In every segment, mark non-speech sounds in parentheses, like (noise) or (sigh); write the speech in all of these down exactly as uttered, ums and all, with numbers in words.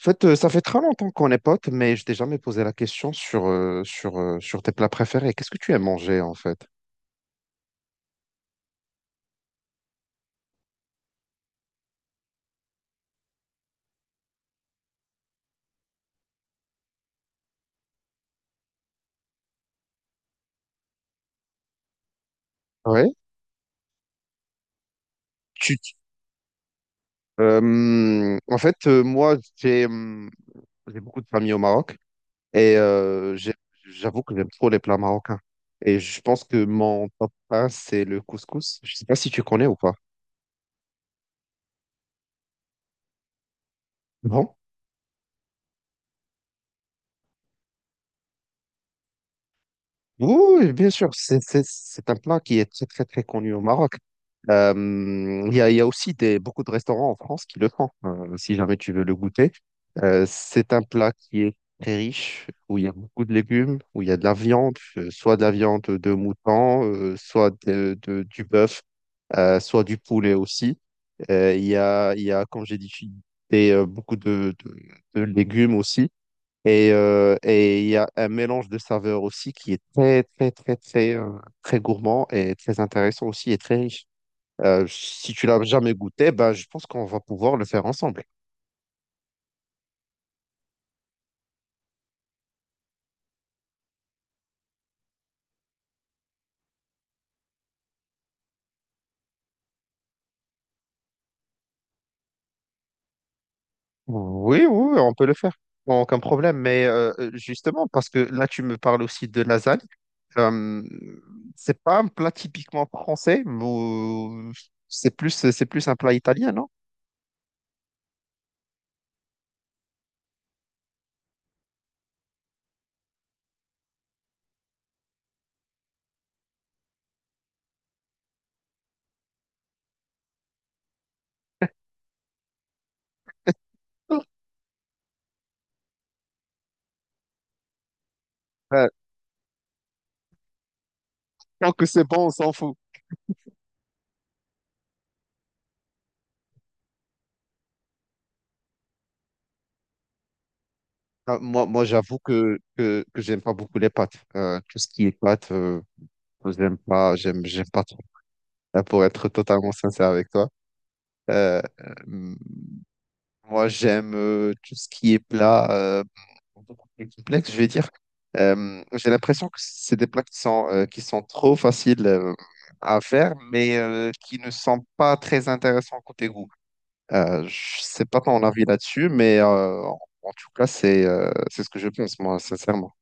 En fait, euh, ça fait très longtemps qu'on est potes, mais je t'ai jamais posé la question sur, euh, sur, euh, sur tes plats préférés. Qu'est-ce que tu aimes manger, en fait? Ouais. Tu... tu- Euh, en fait, euh, moi, j'ai hum, j'ai beaucoup de famille au Maroc et euh, j'ai- j'avoue que j'aime trop les plats marocains. Et je pense que mon top un, c'est le couscous. Je sais pas si tu connais ou pas. Bon. Oui, oui, bien sûr, c'est c'est- c'est un plat qui est très, très, très connu au Maroc. Euh, Il y a, il y a aussi des, beaucoup de restaurants en France qui le font, euh, si jamais tu veux le goûter. Euh, c'est un plat qui est très riche, où il y a beaucoup de légumes, où il y a de la viande, euh, soit de la viande de mouton, euh, soit de, de- du bœuf, euh, soit du poulet aussi. Euh, Il y a, il y a, comme j'ai dit, des, euh, beaucoup de, de de légumes aussi. Et euh, et il y a un mélange de saveurs aussi qui est très, très, très, très, euh, très gourmand et très intéressant aussi et très riche. Euh, si tu l'as jamais goûté, ben, je pense qu'on va pouvoir le faire ensemble. Oui, oui, oui, on peut le faire. Bon, aucun problème. Mais euh, justement, parce que là, tu me parles aussi de lasagne. Euh, c'est pas un plat typiquement français, mais euh, c'est plus, c'est plus un plat italien, non? (laughs) Euh, Tant que c'est bon, on s'en fout. Ah, Moi, moi j'avoue que, que, que j'aime pas beaucoup les pâtes. Euh, tout ce qui est pâtes, euh, j'aime pas, j'aime, j'aime pas trop. Là, pour être totalement sincère avec toi, euh, euh, moi, j'aime euh, tout ce qui est plat euh, beaucoup plus complexe, je vais dire. Euh, j'ai l'impression que c'est des plats qui sont, euh, qui sont trop faciles euh, à faire, mais euh, qui ne sont pas très intéressants côté goût. Euh, je sais pas ton avis là-dessus, mais euh, en en tout cas, c'est euh, c'est ce que je pense, moi, sincèrement.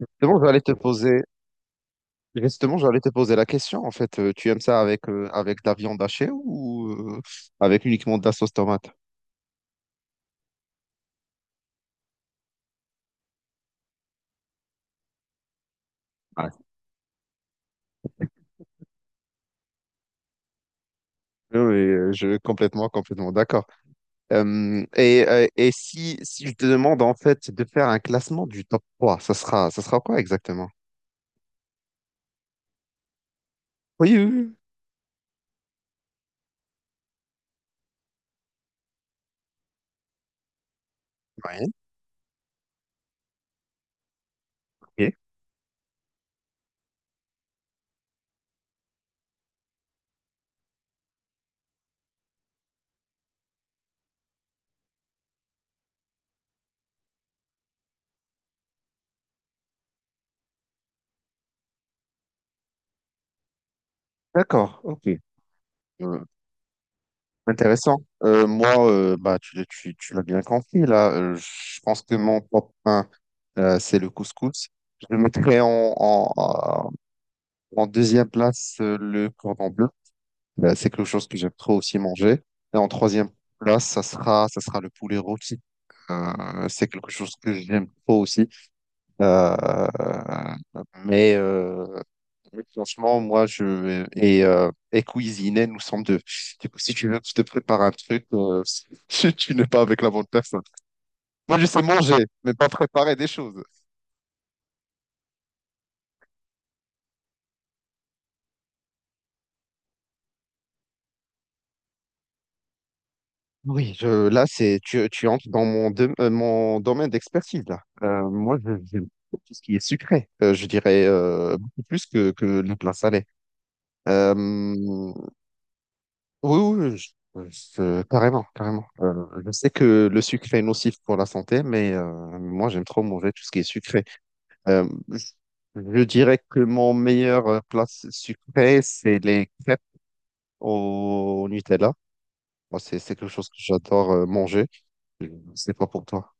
Justement, j'allais te poser, justement, j'allais te poser la question. En fait, Euh, tu aimes ça avec, euh, avec de la viande hachée ou euh, avec uniquement de la sauce tomate? Ah, oui, oui, euh, je complètement, complètement d'accord. Euh, et euh, et si, si je te demande en fait de faire un classement du top trois ça sera, ça sera quoi exactement? Oui, oui, oui. Ouais, ok. D'accord, ok. Euh, Intéressant. Euh, moi, euh, bah, tu, tu, tu l'as bien compris, là. Euh, je pense que mon top un euh, c'est le couscous. Je le mettrais en, en, En deuxième place, euh, le cordon bleu. Euh, c'est quelque chose que j'aime trop aussi manger. Et en troisième place, ça sera, ça sera le poulet rôti. Euh, c'est quelque chose que j'aime trop aussi. Euh, mais, euh, mais franchement, moi, je et, euh, et cuisiner, nous sommes deux. Du coup, si tu veux, je te prépare un truc, euh, (laughs) tu n'es pas avec la bonne personne. Moi, je sais manger, mais pas préparer des choses. Oui, je, là, c'est, tu, tu entres dans mon, dom- euh, mon domaine d'expertise, là. Euh, moi, je- j'aime beaucoup tout ce qui est sucré. Euh, je dirais euh, beaucoup plus que, que le plat salé. Euh, oui, oui, oui, je- euh, je- carrément, carrément. Euh, je sais que le sucré est nocif pour la santé, mais euh, moi, j'aime trop manger tout ce qui est sucré. Euh, je, je dirais que mon meilleur euh, plat sucré, c'est les crêpes au Nutella. Moi, c'est c'est quelque chose que j'adore euh, manger. Je sais pas pour toi.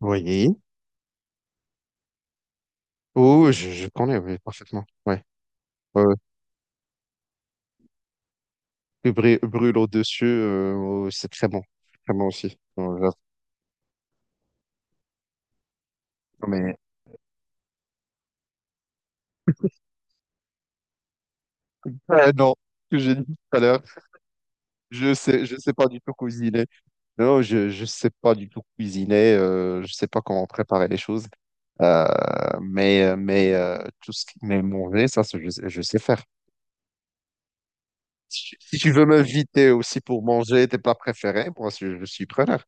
Oui. Oh, je, je connais, oui, parfaitement. Ouais. Ouais, ouais. Le brû- brûle au-dessus, euh, oh, c'est très bon. Très bon aussi. Bon, j'avoue. Mais (laughs) Euh, non, ce que j'ai dit tout à l'heure, je sais, je sais pas du tout cuisiner. Non, je, je sais pas du tout cuisiner. Euh, je sais pas comment préparer les choses. Euh, mais, euh, mais euh, tout ce qui mais manger, ça, c'est- je, sais- je sais faire. Si, tu si tu veux m'inviter aussi pour manger tes plats préférés, moi, je, je suis preneur.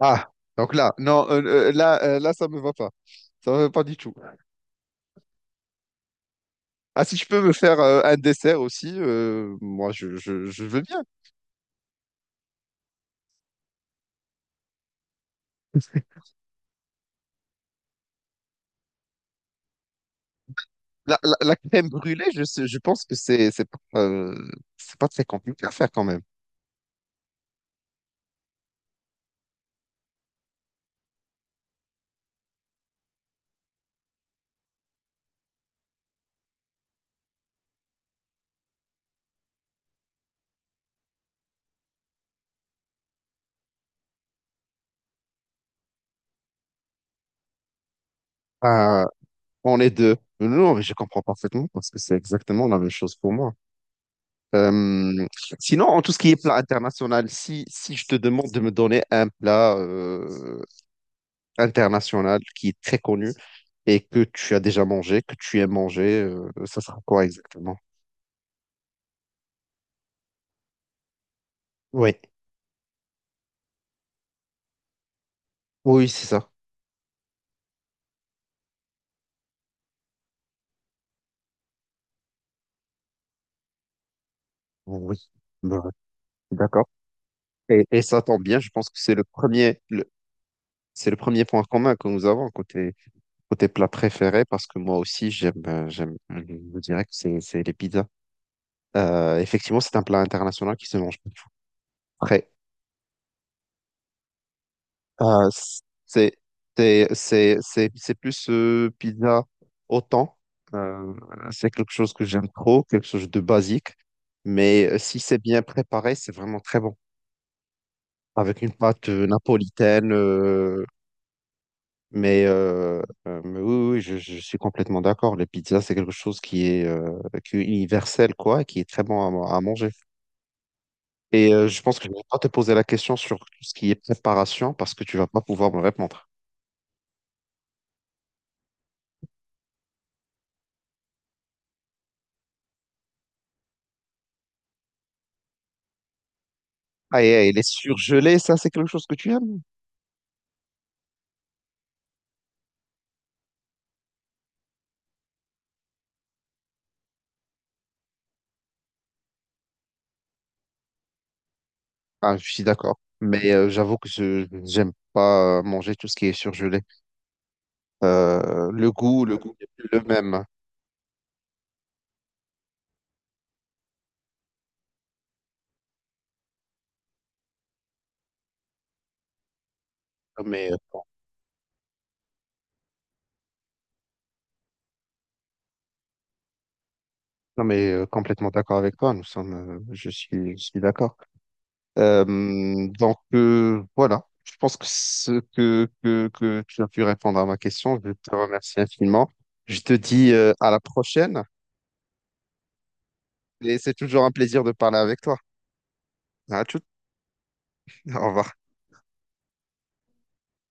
Ah, donc là, non, euh, euh, là, euh, là, ça me va pas. Ça me va pas du tout. Ah, si je peux me faire euh, un dessert aussi, euh, moi, je, je, je veux bien. La, la, la crème brûlée, je, sais- je pense que c'est, c'est pas, euh, c'est pas très compliqué à faire quand même. Ah, on est deux. Non, mais je comprends parfaitement parce que c'est exactement la même chose pour moi. Euh, Sinon, en tout ce qui est plat international, si, si je te demande de me donner un plat, euh, international qui est très connu et que tu as déjà mangé, que tu aimes manger, euh, ça sera quoi exactement? Oui, oui, c'est ça. Oui, bah, d'accord. Et, et ça tombe bien, je pense que c'est le premier, le- c'est le premier point commun que nous avons côté, côté plat préféré, parce que moi aussi, j'aime, euh, j'aime, je vous dirais que c'est, c'est les pizzas. Euh, effectivement, c'est un plat international qui se mange partout. Euh, c'est c'est c'est c'est c'est plus euh, pizza au thon. Euh, voilà, c'est quelque chose que j'aime trop, quelque chose de basique. Mais euh, si c'est bien préparé, c'est vraiment très bon. Avec une pâte euh, napolitaine. Euh, mais, euh, euh, mais oui, oui, je, je suis complètement d'accord. Les pizzas, c'est quelque chose qui est, euh, qui est universel, quoi, et qui est très bon à, à manger. Et euh, je pense que je ne vais pas te poser la question sur tout ce qui est préparation parce que tu vas pas pouvoir me répondre. Ah, et, et les surgelés, ça, c'est quelque chose que tu aimes? Ah, je suis d'accord. Mais euh, j'avoue que je j'aime pas euh, manger tout ce qui est surgelé. Euh, le goût, le goût n'est plus le même. Non, mais, euh, non, mais euh, complètement d'accord avec toi. Nous sommes, euh, je suis, je suis d'accord. Euh, donc, euh, voilà. Je pense que ce que, que, que tu as pu répondre à ma question, je te remercie infiniment. Je te dis euh, à la prochaine et c'est toujours un plaisir de parler avec toi. À tout. Au revoir.